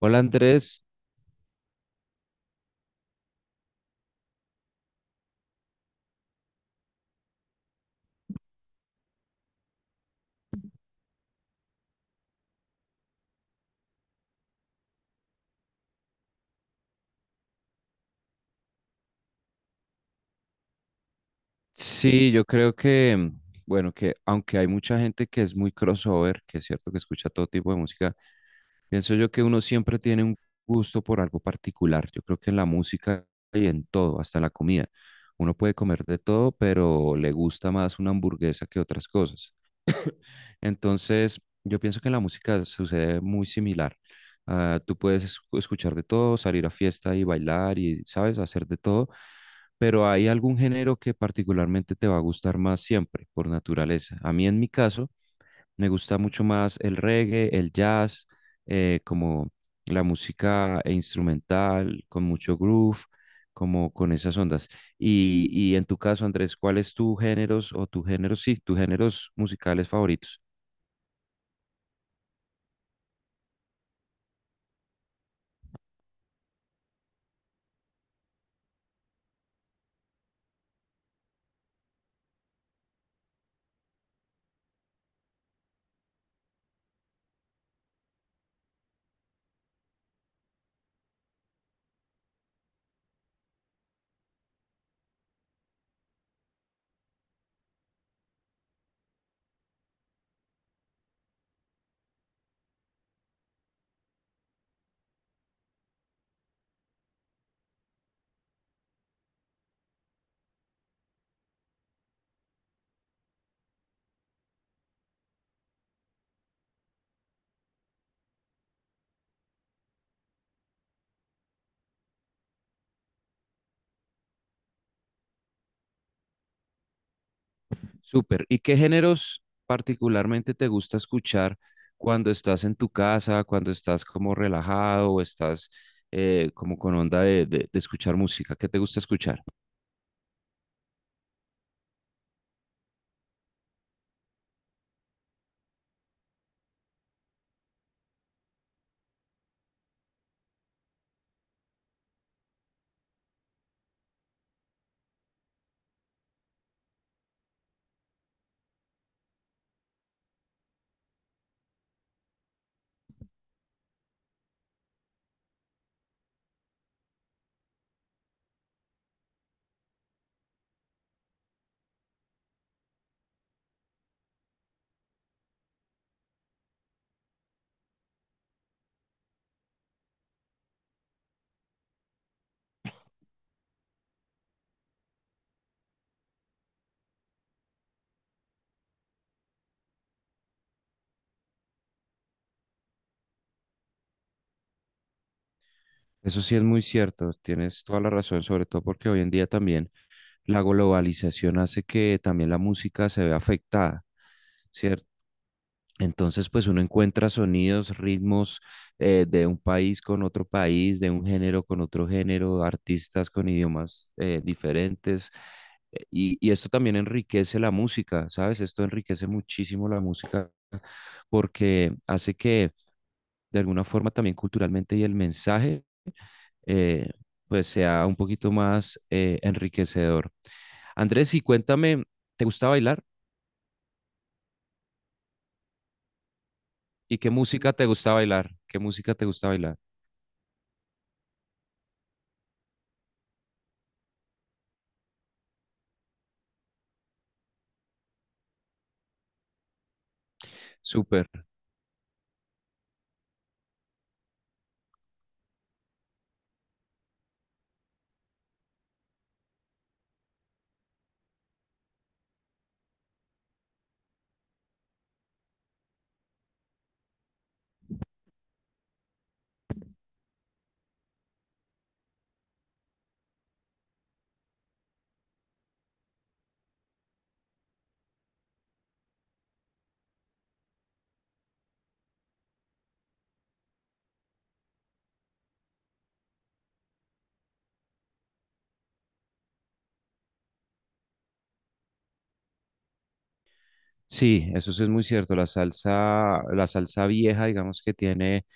Hola Andrés, sí, yo creo que, bueno, que aunque hay mucha gente que es muy crossover, que es cierto que escucha todo tipo de música, pienso yo que uno siempre tiene un gusto por algo particular. Yo creo que en la música y en todo, hasta en la comida, uno puede comer de todo, pero le gusta más una hamburguesa que otras cosas. Entonces, yo pienso que en la música sucede muy similar. Ah, tú puedes escuchar de todo, salir a fiesta y bailar y, ¿sabes?, hacer de todo, pero hay algún género que particularmente te va a gustar más siempre, por naturaleza. A mí, en mi caso, me gusta mucho más el reggae, el jazz, como la música instrumental, con mucho groove, como con esas ondas. Y en tu caso, Andrés, ¿cuál es tu géneros o tus géneros, sí, tus géneros musicales favoritos? Súper. ¿Y qué géneros particularmente te gusta escuchar cuando estás en tu casa, cuando estás como relajado o estás como con onda de escuchar música? ¿Qué te gusta escuchar? Eso sí es muy cierto, tienes toda la razón, sobre todo porque hoy en día también la globalización hace que también la música se vea afectada, ¿cierto? Entonces, pues uno encuentra sonidos, ritmos de un país con otro país, de un género con otro género, artistas con idiomas diferentes. Y esto también enriquece la música, ¿sabes? Esto enriquece muchísimo la música porque hace que de alguna forma también culturalmente y el mensaje eh, pues sea un poquito más enriquecedor. Andrés, y cuéntame, ¿te gusta bailar? ¿Y qué música te gusta bailar? ¿Qué música te gusta bailar? Súper. Sí, eso sí es muy cierto. La salsa vieja, digamos que tiene,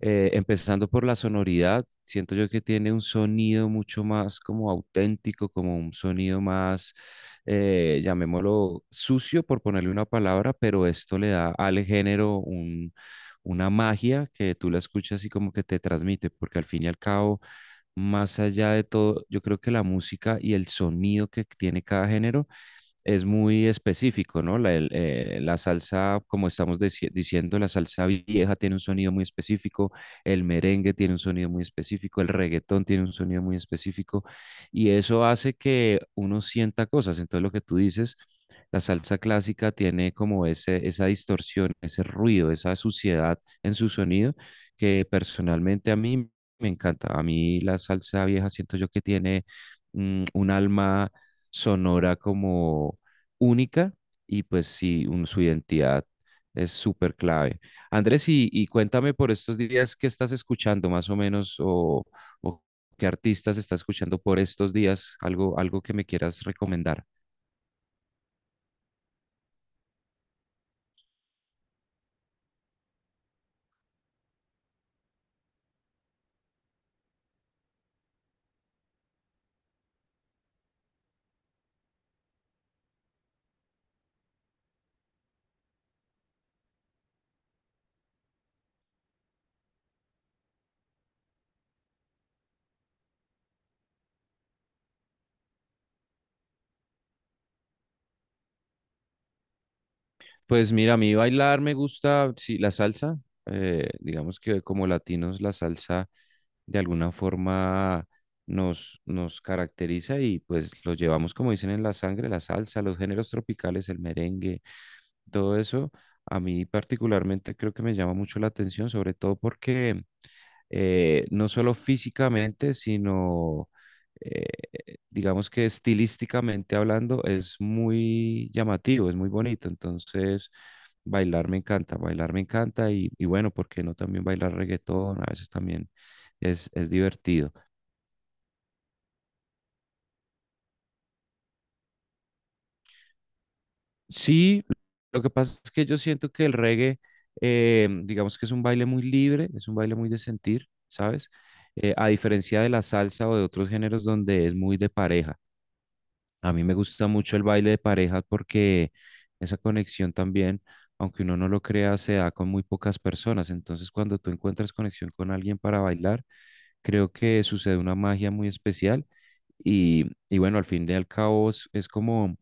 empezando por la sonoridad, siento yo que tiene un sonido mucho más como auténtico, como un sonido más, llamémoslo sucio, por ponerle una palabra, pero esto le da al género un, una magia que tú la escuchas y como que te transmite, porque al fin y al cabo, más allá de todo, yo creo que la música y el sonido que tiene cada género es muy específico, ¿no? La, el, la salsa, como estamos diciendo, la salsa vieja tiene un sonido muy específico, el merengue tiene un sonido muy específico, el reggaetón tiene un sonido muy específico, y eso hace que uno sienta cosas. Entonces, lo que tú dices, la salsa clásica tiene como ese, esa distorsión, ese ruido, esa suciedad en su sonido, que personalmente a mí me encanta. A mí la salsa vieja siento yo que tiene un alma sonora como única y pues sí, su identidad es súper clave. Andrés, y cuéntame por estos días qué estás escuchando más o menos o qué artistas estás escuchando por estos días, algo, algo que me quieras recomendar. Pues mira, a mí bailar me gusta, sí, la salsa, digamos que como latinos la salsa de alguna forma nos, nos caracteriza y pues lo llevamos como dicen en la sangre, la salsa, los géneros tropicales, el merengue, todo eso a mí particularmente creo que me llama mucho la atención, sobre todo porque no solo físicamente, sino digamos que estilísticamente hablando es muy llamativo, es muy bonito. Entonces, bailar me encanta y bueno, ¿por qué no también bailar reggaetón? A veces también es divertido. Sí, lo que pasa es que yo siento que el reggae, digamos que es un baile muy libre, es un baile muy de sentir, ¿sabes? A diferencia de la salsa o de otros géneros donde es muy de pareja. A mí me gusta mucho el baile de pareja porque esa conexión también, aunque uno no lo crea, se da con muy pocas personas. Entonces, cuando tú encuentras conexión con alguien para bailar, creo que sucede una magia muy especial. Y bueno, al fin y al cabo es como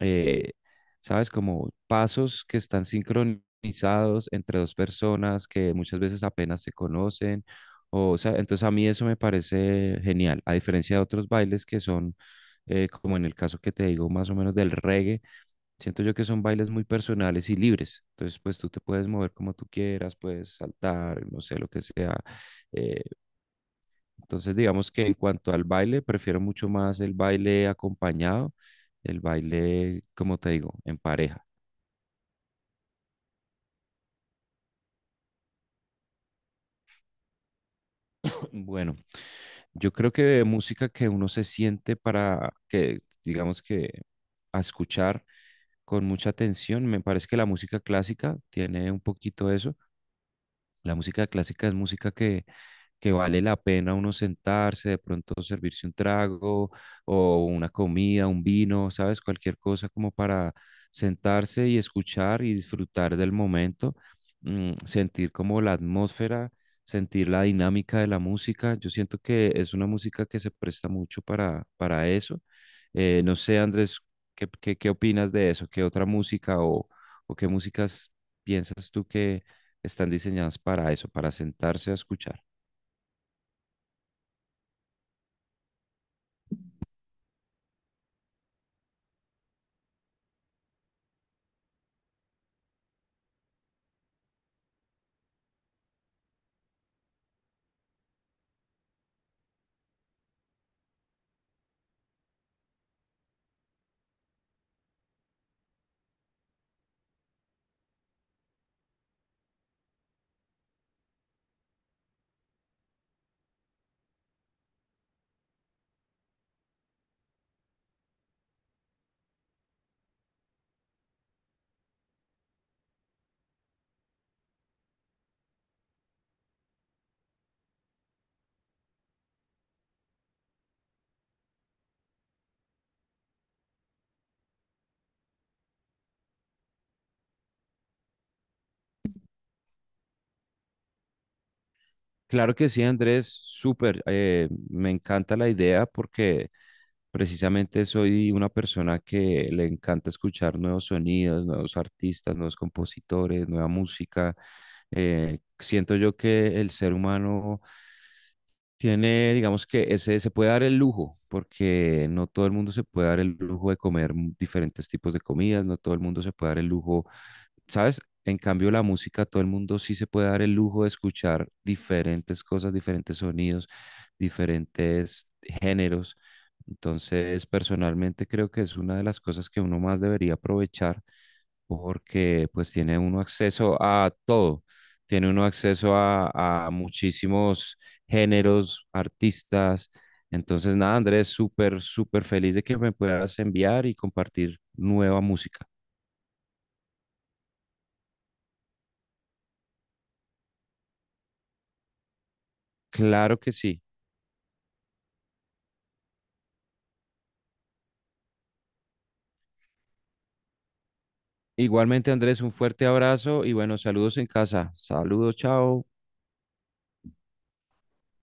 eh, ¿sabes? Como pasos que están sincronizados entre dos personas que muchas veces apenas se conocen. O sea, entonces a mí eso me parece genial, a diferencia de otros bailes que son, como en el caso que te digo, más o menos del reggae, siento yo que son bailes muy personales y libres. Entonces, pues tú te puedes mover como tú quieras, puedes saltar, no sé, lo que sea, eh, entonces, digamos que en cuanto al baile, prefiero mucho más el baile acompañado, el baile, como te digo, en pareja. Bueno, yo creo que música que uno se siente para que, digamos que, a escuchar con mucha atención, me parece que la música clásica tiene un poquito eso. La música clásica es música que vale la pena uno sentarse, de pronto servirse un trago o una comida, un vino, ¿sabes? Cualquier cosa como para sentarse y escuchar y disfrutar del momento, sentir como la atmósfera, sentir la dinámica de la música. Yo siento que es una música que se presta mucho para eso. No sé, Andrés, ¿qué, qué, qué opinas de eso? ¿Qué otra música o qué músicas piensas tú que están diseñadas para eso, para sentarse a escuchar? Claro que sí, Andrés, súper, me encanta la idea porque precisamente soy una persona que le encanta escuchar nuevos sonidos, nuevos artistas, nuevos compositores, nueva música. Siento yo que el ser humano tiene, digamos que ese, se puede dar el lujo, porque no todo el mundo se puede dar el lujo de comer diferentes tipos de comidas, no todo el mundo se puede dar el lujo ¿sabes? En cambio, la música, todo el mundo sí se puede dar el lujo de escuchar diferentes cosas, diferentes sonidos, diferentes géneros. Entonces, personalmente creo que es una de las cosas que uno más debería aprovechar porque pues tiene uno acceso a todo. Tiene uno acceso a muchísimos géneros, artistas. Entonces, nada, Andrés, súper, súper feliz de que me puedas enviar y compartir nueva música. Claro que sí. Igualmente, Andrés, un fuerte abrazo y bueno, saludos en casa. Saludos, chao.